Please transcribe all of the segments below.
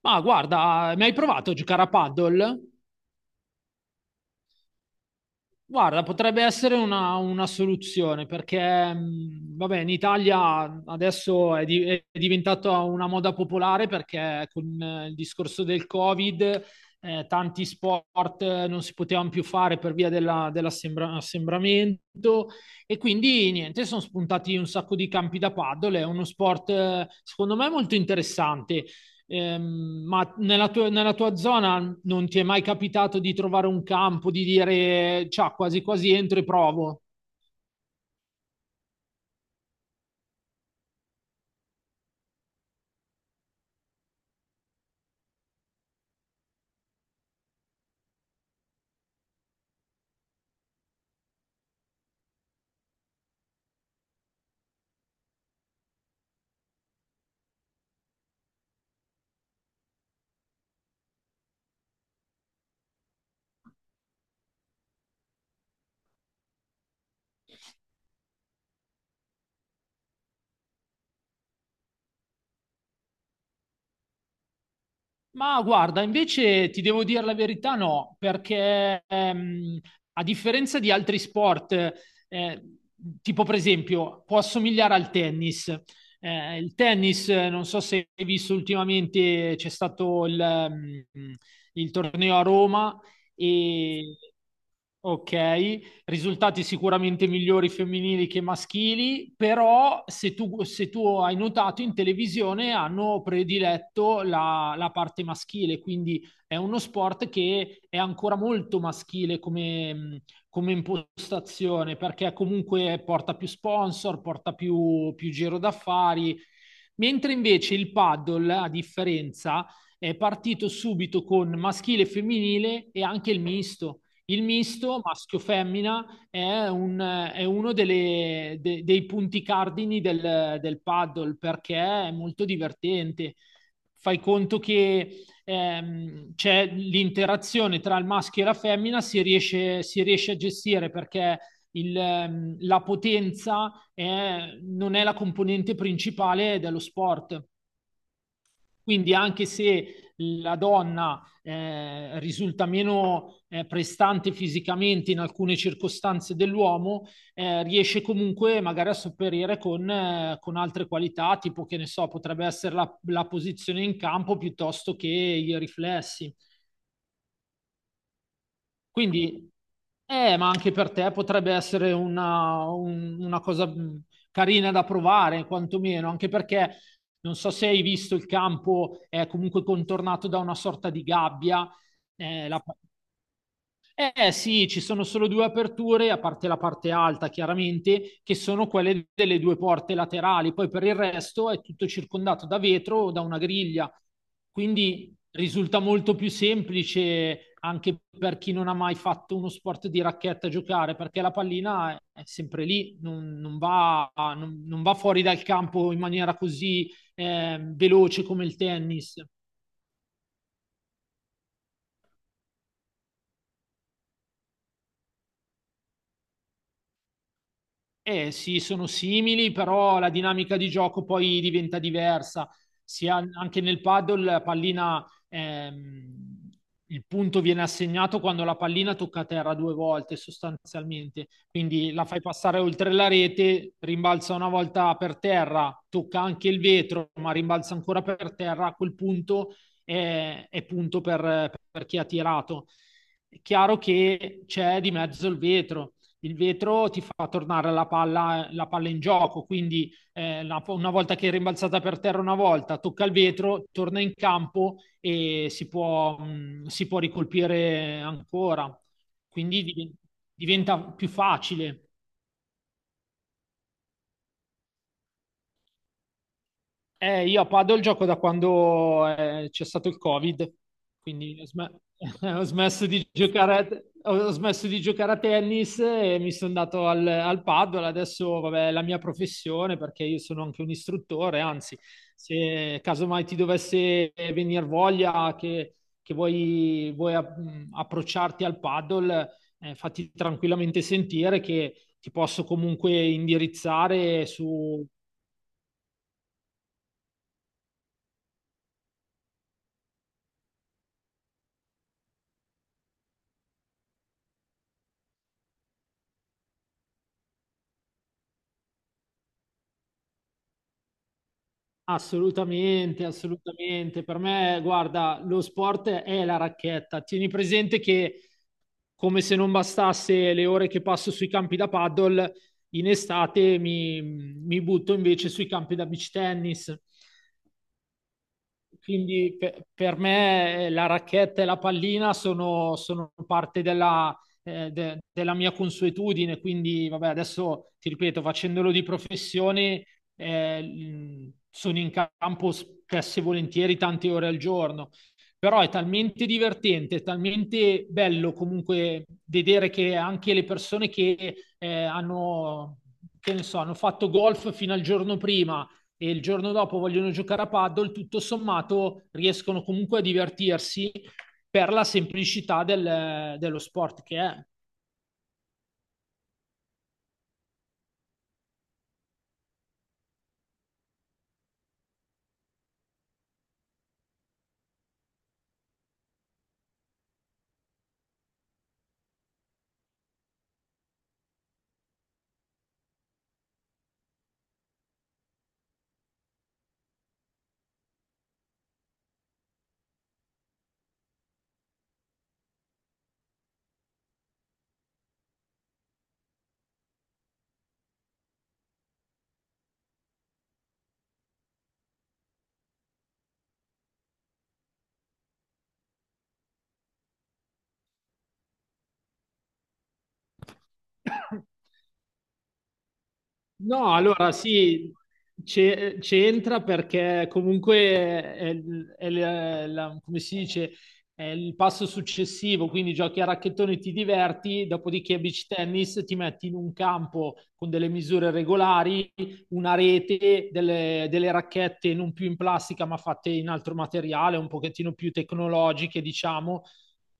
Ma guarda, mi hai provato a giocare a paddle? Guarda, potrebbe essere una soluzione perché, vabbè, in Italia adesso è diventata una moda popolare perché con il discorso del Covid, tanti sport non si potevano più fare per via dell'assembramento e quindi niente, sono spuntati un sacco di campi da paddle. È uno sport, secondo me, molto interessante. Ma nella tua zona non ti è mai capitato di trovare un campo, di dire, ciao, quasi quasi entro e provo? Ma guarda, invece ti devo dire la verità, no, perché a differenza di altri sport, eh, tipo per esempio, può assomigliare al tennis. Il tennis, non so se hai visto ultimamente, c'è stato il torneo a Roma e... Ok, risultati sicuramente migliori femminili che maschili, però se tu hai notato in televisione hanno prediletto la parte maschile, quindi è uno sport che è ancora molto maschile come, come impostazione, perché comunque porta più sponsor, porta più giro d'affari, mentre invece il paddle, a differenza, è partito subito con maschile e femminile e anche il misto. Il misto maschio-femmina è uno dei punti cardini del paddle perché è molto divertente. Fai conto che c'è l'interazione tra il maschio e la femmina, si riesce a gestire perché la potenza non è la componente principale dello sport. Quindi anche se la donna risulta meno prestante fisicamente in alcune circostanze dell'uomo, riesce comunque magari a sopperire con altre qualità, tipo che ne so, potrebbe essere la posizione in campo piuttosto che i riflessi. Quindi, ma anche per te potrebbe essere una cosa carina da provare, quantomeno, anche perché non so se hai visto il campo è comunque contornato da una sorta di gabbia. eh, la- eh sì, ci sono solo due aperture, a parte la parte alta chiaramente, che sono quelle delle due porte laterali, poi per il resto è tutto circondato da vetro o da una griglia, quindi risulta molto più semplice anche per chi non ha mai fatto uno sport di racchetta giocare, perché la pallina è sempre lì, non va fuori dal campo in maniera così veloce come il tennis. Eh sì, sono simili, però la dinamica di gioco poi diventa diversa. Sia anche nel paddle, la pallina, il punto viene assegnato quando la pallina tocca terra due volte sostanzialmente. Quindi la fai passare oltre la rete, rimbalza una volta per terra, tocca anche il vetro, ma rimbalza ancora per terra. A quel punto è punto per chi ha tirato. È chiaro che c'è di mezzo il vetro, ti fa tornare la palla in gioco, quindi una volta che è rimbalzata per terra una volta, tocca il vetro, torna in campo e si può ricolpire ancora. Quindi diventa più facile. Io a Padel gioco da quando c'è stato il Covid, quindi ho smesso di giocare ho smesso di giocare a tennis e mi sono dato al Padel. Adesso, vabbè, è la mia professione perché io sono anche un istruttore, anzi, se casomai ti dovesse venire voglia che approcciarti al Padel, fatti tranquillamente sentire che ti posso comunque indirizzare su. Assolutamente, assolutamente. Per me, guarda, lo sport è la racchetta. Tieni presente che, come se non bastasse le ore che passo sui campi da paddle, in estate mi butto invece sui campi da beach tennis. Quindi per me la racchetta e la pallina sono parte della mia consuetudine, quindi vabbè, adesso ti ripeto, facendolo di professione, sono in campo spesso e volentieri tante ore al giorno, però è talmente divertente, è talmente bello comunque vedere che anche le persone che hanno, che ne so, hanno fatto golf fino al giorno prima e il giorno dopo vogliono giocare a paddle, tutto sommato riescono comunque a divertirsi per la semplicità dello sport che è. No, allora sì, c'entra perché comunque come si dice, è il passo successivo, quindi giochi a racchettone ti diverti, dopodiché a beach tennis ti metti in un campo con delle misure regolari, una rete, delle racchette non più in plastica ma fatte in altro materiale, un pochettino più tecnologiche, diciamo,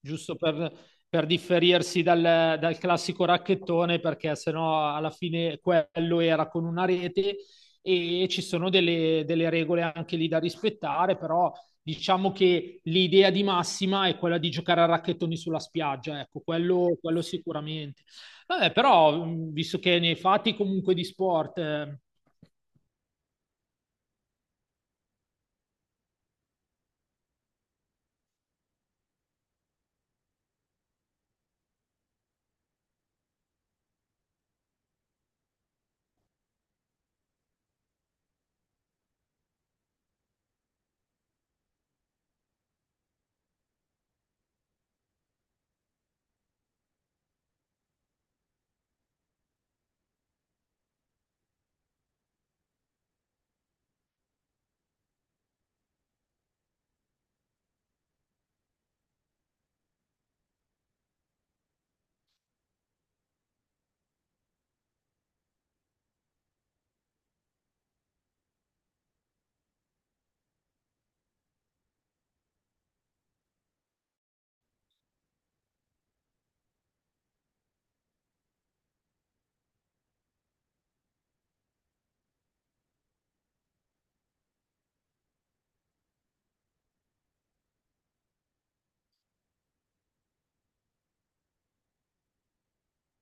giusto per differirsi dal classico racchettone, perché sennò alla fine quello era con una rete e ci sono delle regole anche lì da rispettare, però diciamo che l'idea di massima è quella di giocare a racchettoni sulla spiaggia, ecco, quello sicuramente. Vabbè, però, visto che nei fatti comunque di sport.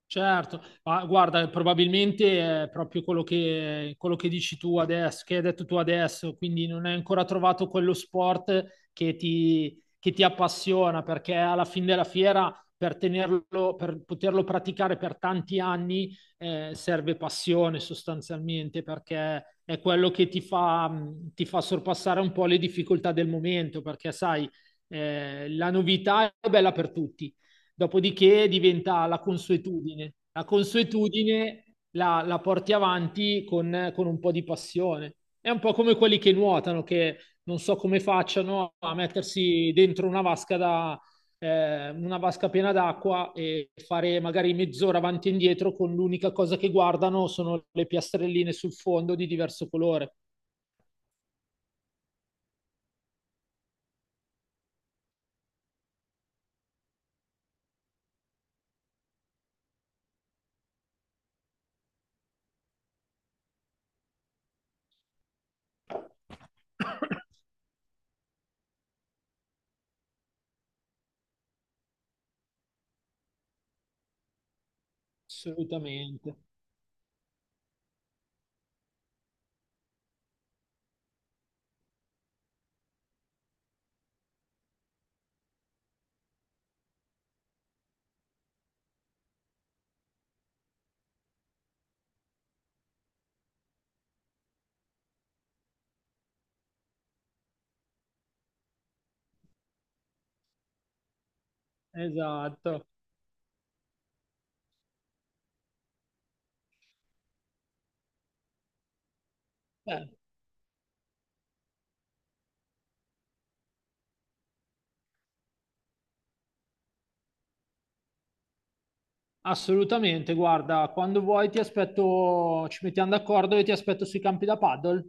Certo, ma guarda, probabilmente è proprio quello che dici tu adesso, che hai detto tu adesso, quindi non hai ancora trovato quello sport che ti appassiona, perché alla fine della fiera, per tenerlo, per poterlo praticare per tanti anni, serve passione sostanzialmente, perché è quello che ti fa sorpassare un po' le difficoltà del momento, perché sai, la novità è bella per tutti. Dopodiché diventa la consuetudine. La consuetudine la porti avanti con un po' di passione. È un po' come quelli che nuotano, che non so come facciano a mettersi dentro una vasca piena d'acqua e fare magari mezz'ora avanti e indietro con l'unica cosa che guardano sono le piastrelline sul fondo di diverso colore. Assolutamente. Esatto. Eh, Assolutamente, guarda, quando vuoi ti aspetto, ci mettiamo d'accordo e ti aspetto sui campi da paddle.